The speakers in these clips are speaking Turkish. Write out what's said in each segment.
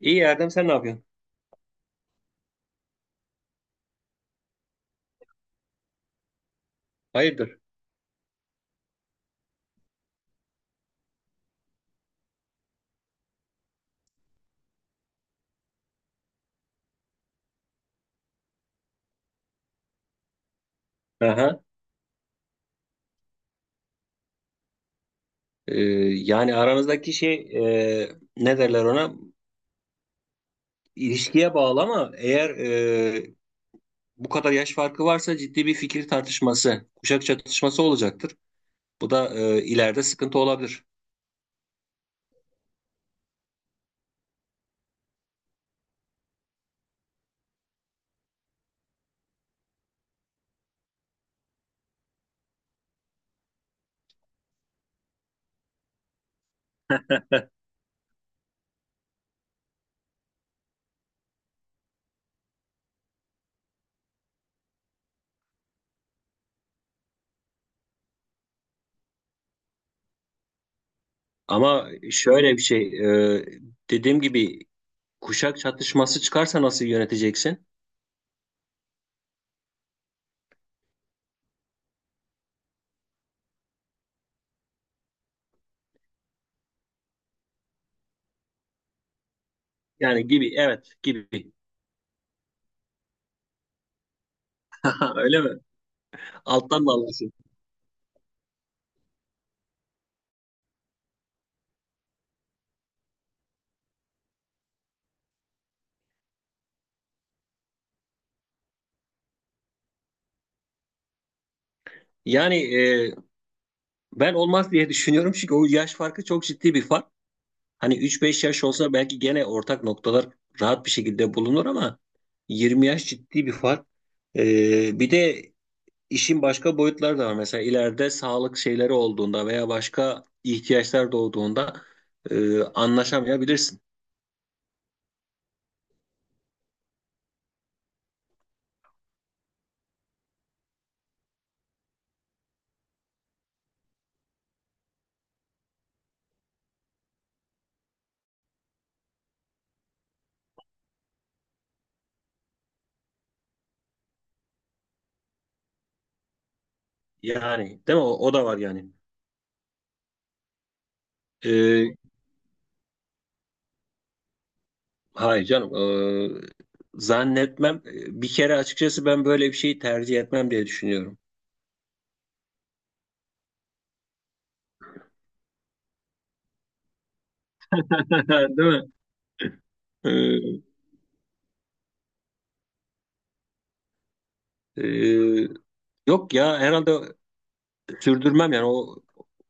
İyi Erdem, sen ne yapıyorsun? Hayırdır? Aha. Ee, yani aranızdaki şey e, ne derler ona? İlişkiye bağlı ama eğer bu kadar yaş farkı varsa ciddi bir fikir tartışması, kuşak çatışması olacaktır. Bu da ileride sıkıntı olabilir. Ama şöyle bir şey, e, dediğim gibi kuşak çatışması çıkarsa nasıl yöneteceksin? Yani gibi, evet gibi. Öyle mi? Alttan da alırsın. Yani ben olmaz diye düşünüyorum çünkü o yaş farkı çok ciddi bir fark. Hani üç beş yaş olsa belki gene ortak noktalar rahat bir şekilde bulunur ama 20 yaş ciddi bir fark. Bir de işin başka boyutları da var. Mesela ileride sağlık şeyleri olduğunda veya başka ihtiyaçlar doğduğunda anlaşamayabilirsin. Yani değil mi? O da var yani. E, hayır canım. Zannetmem. Bir kere açıkçası ben böyle bir şeyi tercih etmem diye düşünüyorum. Değil mi? Eee, eee, Yok ya, herhalde sürdürmem yani o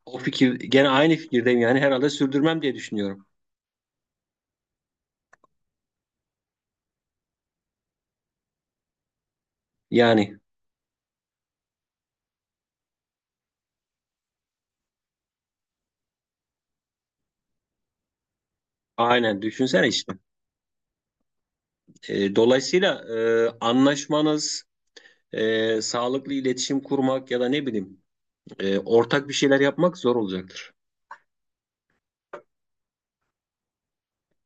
o fikir, gene aynı fikirdeyim yani herhalde sürdürmem diye düşünüyorum. Yani aynen düşünsene işte. Dolayısıyla anlaşmanız, sağlıklı iletişim kurmak ya da ne bileyim ortak bir şeyler yapmak zor olacaktır.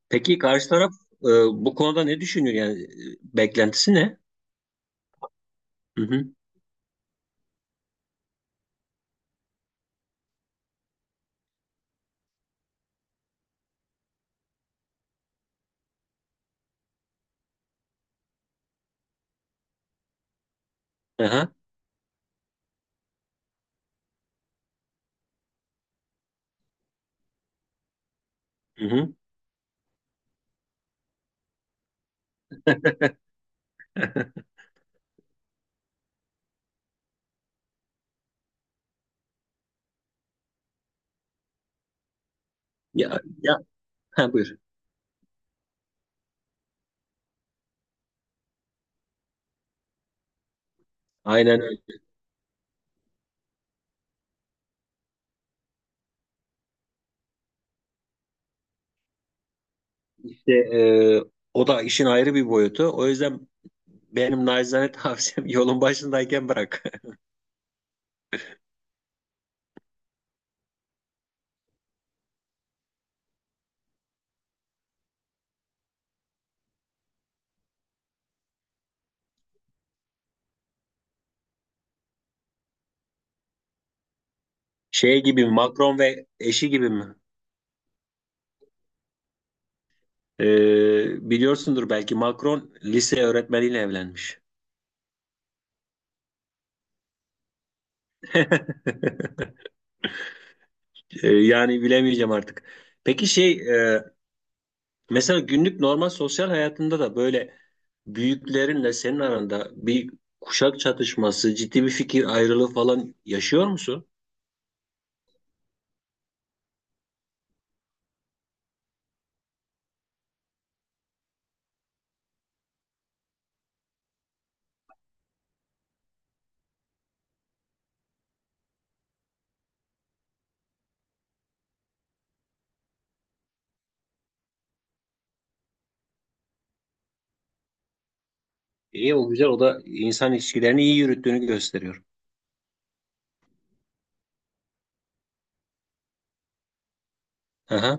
Peki karşı taraf bu konuda ne düşünüyor yani? Beklentisi ne? Hı hı. Aha. Hı hı. Ya ya, ha, buyur. Aynen öyle. İşte o da işin ayrı bir boyutu. O yüzden benim naçizane tavsiyem yolun başındayken bırak. Şey gibi mi, Macron ve eşi gibi mi? E, biliyorsundur belki Macron lise öğretmeniyle evlenmiş. E, yani bilemeyeceğim artık. Peki şey, mesela günlük normal sosyal hayatında da böyle büyüklerinle senin aranda bir kuşak çatışması, ciddi bir fikir ayrılığı falan yaşıyor musun? İyi, o güzel, o da insan ilişkilerini iyi yürüttüğünü gösteriyor. Aha.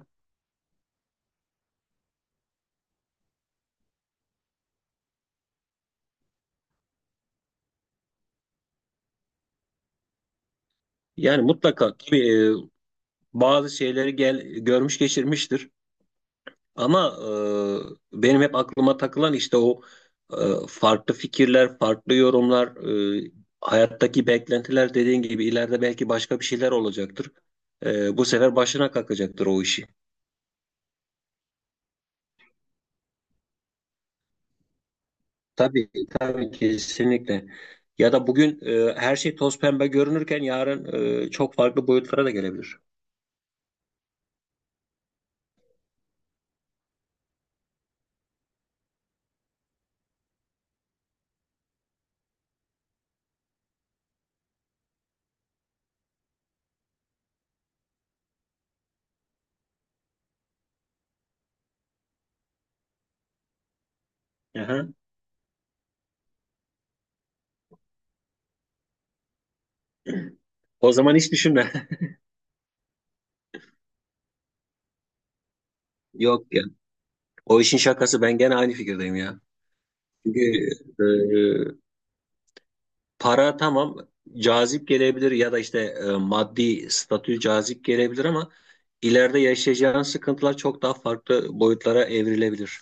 Yani mutlaka tabii bazı şeyleri gel, görmüş geçirmiştir. Ama benim hep aklıma takılan işte o e, farklı fikirler, farklı yorumlar, e, hayattaki beklentiler dediğin gibi ileride belki başka bir şeyler olacaktır. Bu sefer başına kalkacaktır o işi. Tabii, tabii, kesinlikle. Ya da bugün her şey toz pembe görünürken yarın çok farklı boyutlara da gelebilir. Aha. O zaman hiç düşünme. Yok ya. O işin şakası, ben gene aynı fikirdeyim ya. Çünkü e, para tamam, cazip gelebilir ya da işte maddi statü cazip gelebilir ama ileride yaşayacağın sıkıntılar çok daha farklı boyutlara evrilebilir.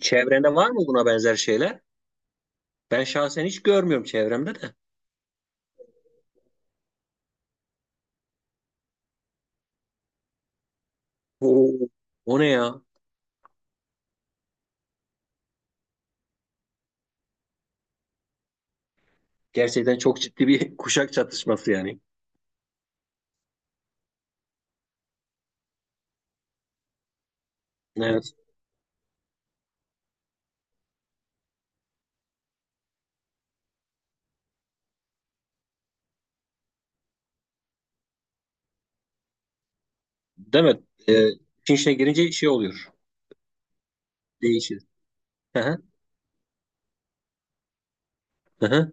Çevrende var mı buna benzer şeyler? Ben şahsen hiç görmüyorum çevremde de. Oo, o ne ya? Gerçekten çok ciddi bir kuşak çatışması yani. Evet. Değil mi? E, işin içine girince şey oluyor. Değişir. Hı hı, hı hı.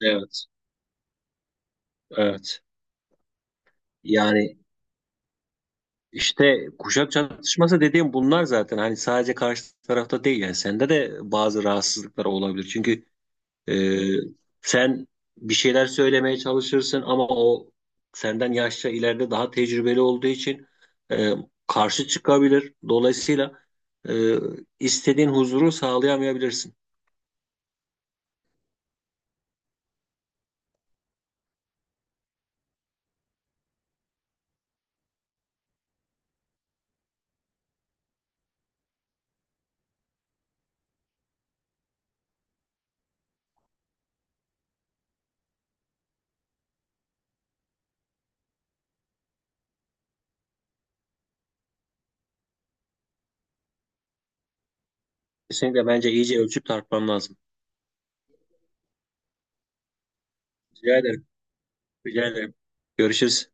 Evet. Evet. Yani İşte kuşak çatışması dediğim bunlar zaten, hani sadece karşı tarafta değil yani sende de bazı rahatsızlıklar olabilir. Çünkü e, sen bir şeyler söylemeye çalışırsın ama o senden yaşça ileride, daha tecrübeli olduğu için e, karşı çıkabilir. Dolayısıyla e, istediğin huzuru sağlayamayabilirsin. Kesinlikle, bence iyice ölçüp tartman lazım. Rica ederim. Rica ederim. Görüşürüz.